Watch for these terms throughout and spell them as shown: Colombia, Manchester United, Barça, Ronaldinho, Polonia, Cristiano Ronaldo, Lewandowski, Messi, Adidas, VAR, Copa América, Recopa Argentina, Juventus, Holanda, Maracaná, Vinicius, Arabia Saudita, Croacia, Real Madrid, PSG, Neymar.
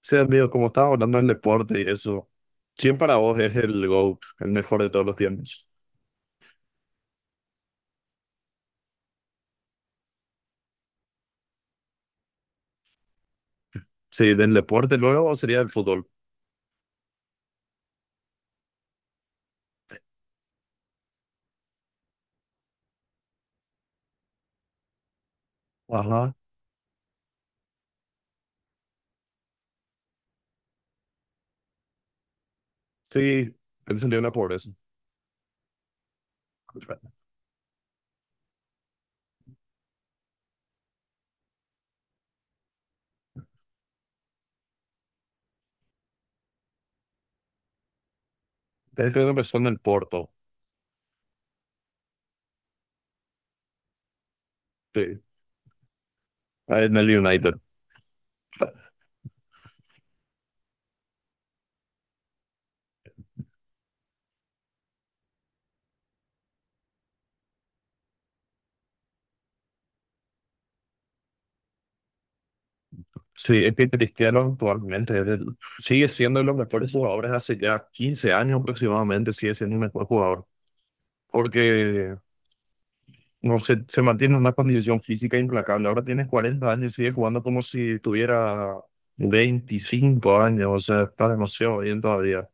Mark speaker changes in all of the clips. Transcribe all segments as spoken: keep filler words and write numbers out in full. Speaker 1: Sí, amigo, como estaba hablando del deporte y eso, ¿quién para vos es el GOAT, el mejor de todos los tiempos? Sí, del deporte luego sería el fútbol. Ajá. Sí, él salió de la pobreza. Él creo que empezó en el Porto, sí, en el United. Sí, es que Cristiano actualmente es el- sigue siendo uno de los mejores jugadores hace ya quince años aproximadamente, sigue siendo el mejor jugador. Porque no se, se mantiene en una condición física implacable. Ahora tienes cuarenta años y sigue jugando como si tuviera veinticinco años, o sea, está demasiado bien todavía.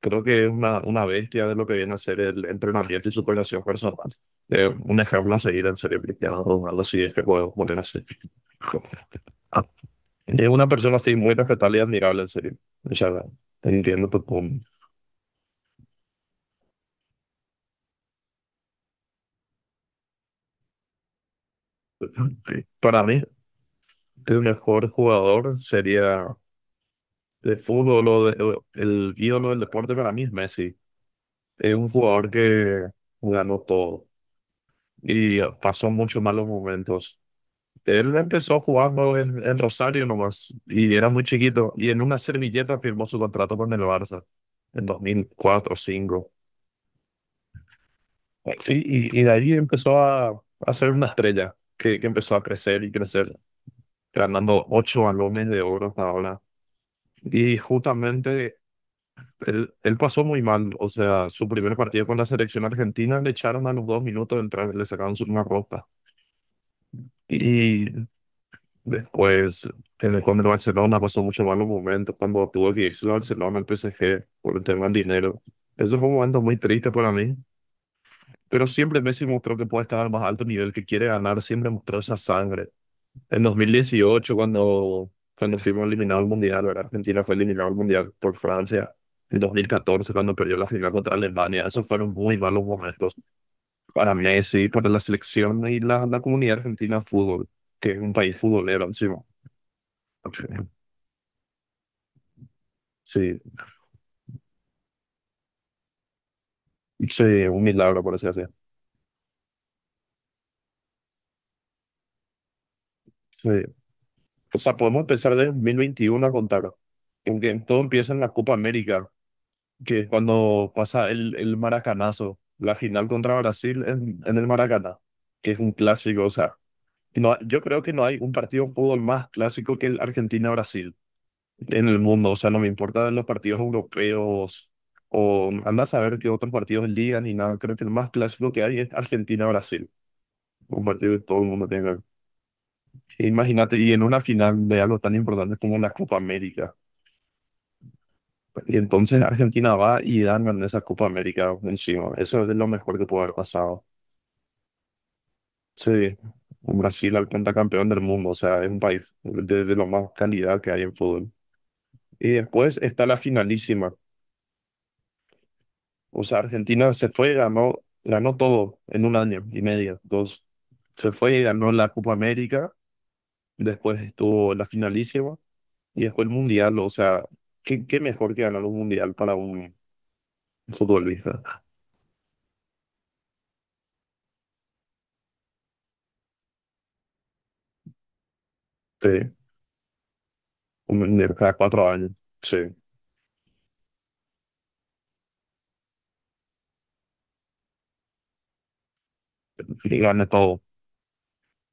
Speaker 1: Creo que es una, una bestia de lo que viene a ser el entrenamiento y su relación personal. Eh, un ejemplo a seguir en serio, Cristiano Ronaldo, si es que puedo poner así. Ah, es una persona así muy respetable y admirable, en serio. O sea, entiendo tu punto. Sí. Para mí, el mejor jugador sería de fútbol o de- o el ídolo del deporte para mí es Messi. Es un jugador que ganó todo y pasó muchos malos momentos. Él empezó jugando en, en Rosario nomás y era muy chiquito y en una servilleta firmó su contrato con el Barça en dos mil cuatro o dos mil cinco. Y, y, y de ahí empezó a, a ser una estrella que, que empezó a crecer y crecer, ganando ocho balones de oro hasta ahora. Y justamente él, él pasó muy mal, o sea, su primer partido con la selección argentina le echaron a los dos minutos de entrar, le sacaron su- una ropa. Y después, en el, con el Barcelona pasó muchos malos momentos cuando tuvo que irse al Barcelona, al P S G, por el tema del dinero. Eso fue un momento muy triste para mí, pero siempre Messi mostró que puede estar al más alto nivel, que quiere ganar, siempre mostró esa sangre. En dos mil dieciocho, cuando, cuando fuimos eliminados al Mundial, ¿verdad? Argentina fue eliminado al Mundial por Francia. En dos mil catorce, cuando perdió la final contra Alemania, esos fueron muy malos momentos para Messi, para la selección y la, la comunidad argentina de fútbol, que es un país futbolero encima. Sí, sí, un milagro, por así decirlo. Sí. O sea, podemos empezar de dos mil veintiuno a contar, porque todo empieza en la Copa América, que cuando pasa el, el maracanazo, la final contra Brasil en, en el Maracaná, que es un clásico, o sea, no, yo creo que no hay un partido de fútbol más clásico que el Argentina-Brasil en el mundo, o sea, no me importa los partidos europeos o anda a saber qué otros partidos ligan ni nada, creo que el más clásico que hay es Argentina-Brasil, un partido que todo el mundo tiene que ver. Imagínate, y en una final de algo tan importante como la Copa América. Y entonces Argentina va y ganan esa Copa América encima. Eso es lo mejor que pudo haber pasado. Sí, Brasil al pentacampeón del mundo, o sea, es un país de, de lo más calidad que hay en fútbol. Y después está la finalísima. O sea, Argentina se fue y ganó, ganó todo en un año y medio, dos. Se fue y ganó la Copa América, después estuvo la finalísima y después el Mundial. O sea, ¿qué, qué mejor que ganar un Mundial para un futbolista? Sí, un, de cada cuatro años. Sí, que gane todo.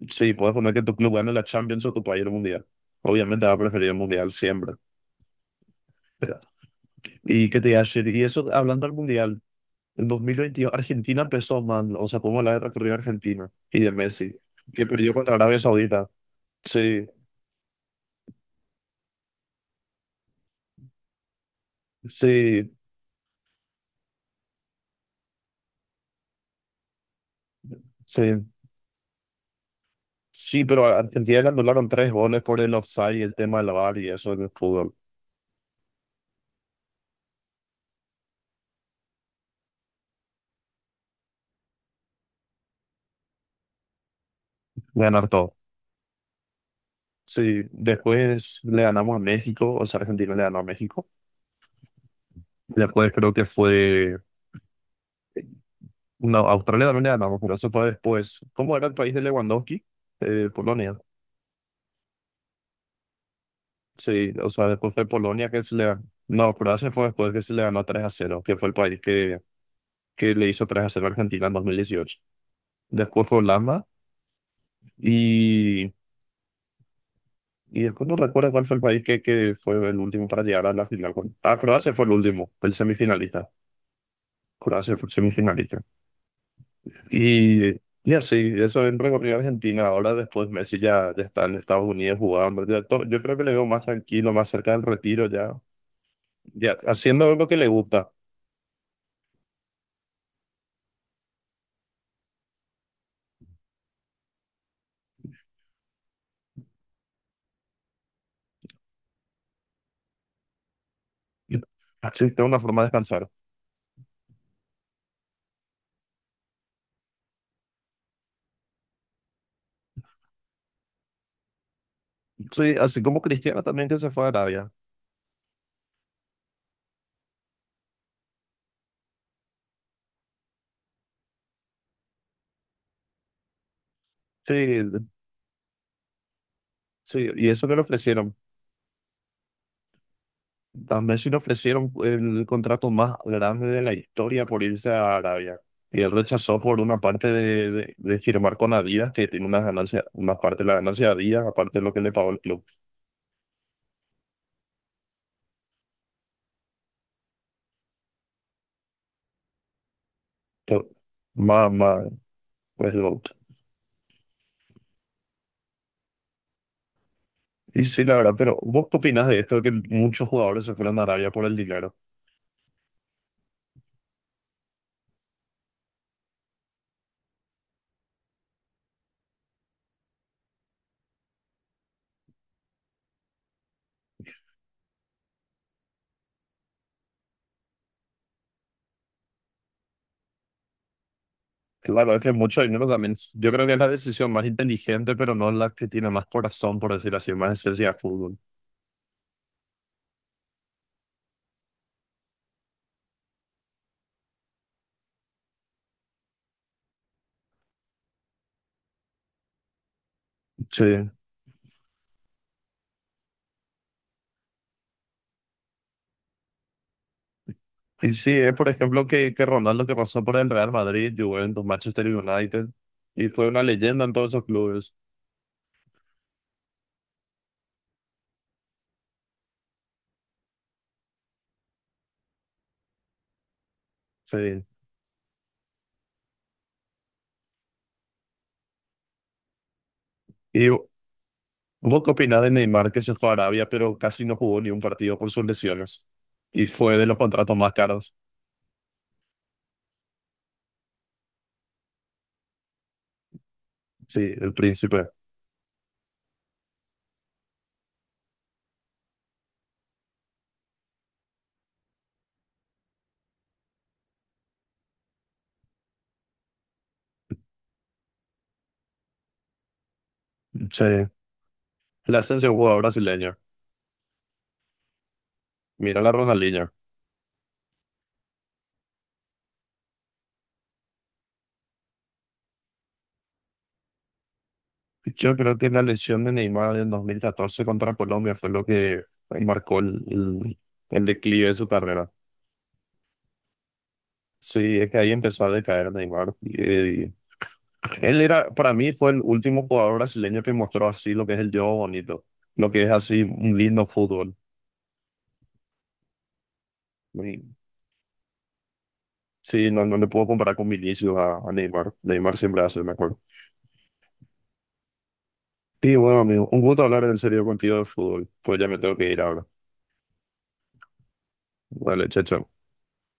Speaker 1: Sí, puedes poner que tu club gane la Champions o tu país el Mundial. Obviamente va a preferir el Mundial siempre. Y que te iba a decir y eso hablando del Mundial, en dos mil veintidós Argentina empezó man o sea, como la guerra que dio Argentina y de Messi, que perdió contra Arabia Saudita. Sí, sí, sí. Sí, pero a Argentina le anularon tres goles por el offside y el tema del var y eso en el fútbol. Ganar todo. Sí, después le ganamos a México, o sea, Argentina le ganó a México. Después creo que fue no, Australia también le ganamos, pero eso fue después. ¿Cómo era el país de Lewandowski? Eh, Polonia. Sí, o sea, después fue Polonia que se le ganó. No, Croacia fue después que se le ganó tres a cero, que fue el país que, que le hizo tres a cero a Argentina en dos mil dieciocho. Después fue Holanda y, y después no recuerdo cuál fue el país que, que fue el último para llegar a la final. Ah, Croacia fue el último, el semifinalista. Croacia fue el semifinalista. Y, y así, eso en Recopa Argentina. Ahora después Messi ya, ya está en Estados Unidos jugando, ya to- yo creo que le veo más tranquilo, más cerca del retiro ya, ya haciendo lo que le gusta. Así tengo una forma de descansar. Sí, así como Cristiano también que se fue a Arabia. Sí, sí, y eso que le ofrecieron. A Messi le ofrecieron el contrato más grande de la historia por irse a Arabia. Y él rechazó por una parte de, de, de firmar con Adidas, que tiene una ganancia, una parte de la ganancia de Adidas, aparte de lo que le pagó el club. To- Más, más, pues el voto. Y sí, la verdad, pero ¿vos qué opinas de esto? Que muchos jugadores se fueron a Arabia por el dinero. Claro, es que mucho dinero también. Yo creo que es la decisión más inteligente, pero no la que tiene más corazón, por decir así, más esencia de fútbol. Sí. Y sí, es por ejemplo que, que Ronaldo que pasó por el Real Madrid, Juventus, Manchester United, y fue una leyenda en todos esos clubes. Sí. ¿Y vos qué opinás de Neymar que se fue a Arabia, pero casi no jugó ni un partido por sus lesiones? Y fue de los contratos más caros. Sí, el príncipe. Sí. La ascensión jugador brasileño. Mira la Ronaldinho. Yo creo que la lesión de Neymar en dos mil catorce contra Colombia fue lo que marcó el, el- el declive de su carrera. Sí, es que ahí empezó a decaer Neymar. Y, y él era, para mí, fue el último jugador brasileño que mostró así lo que es el juego bonito, lo que es así un lindo fútbol. Y sí, no, no le puedo comparar con Vinicius a, a Neymar. Neymar siempre hace mejor. Sí, bueno, amigo, un gusto hablar en serio contigo de fútbol. Pues ya me tengo que ir ahora. Dale, chacho.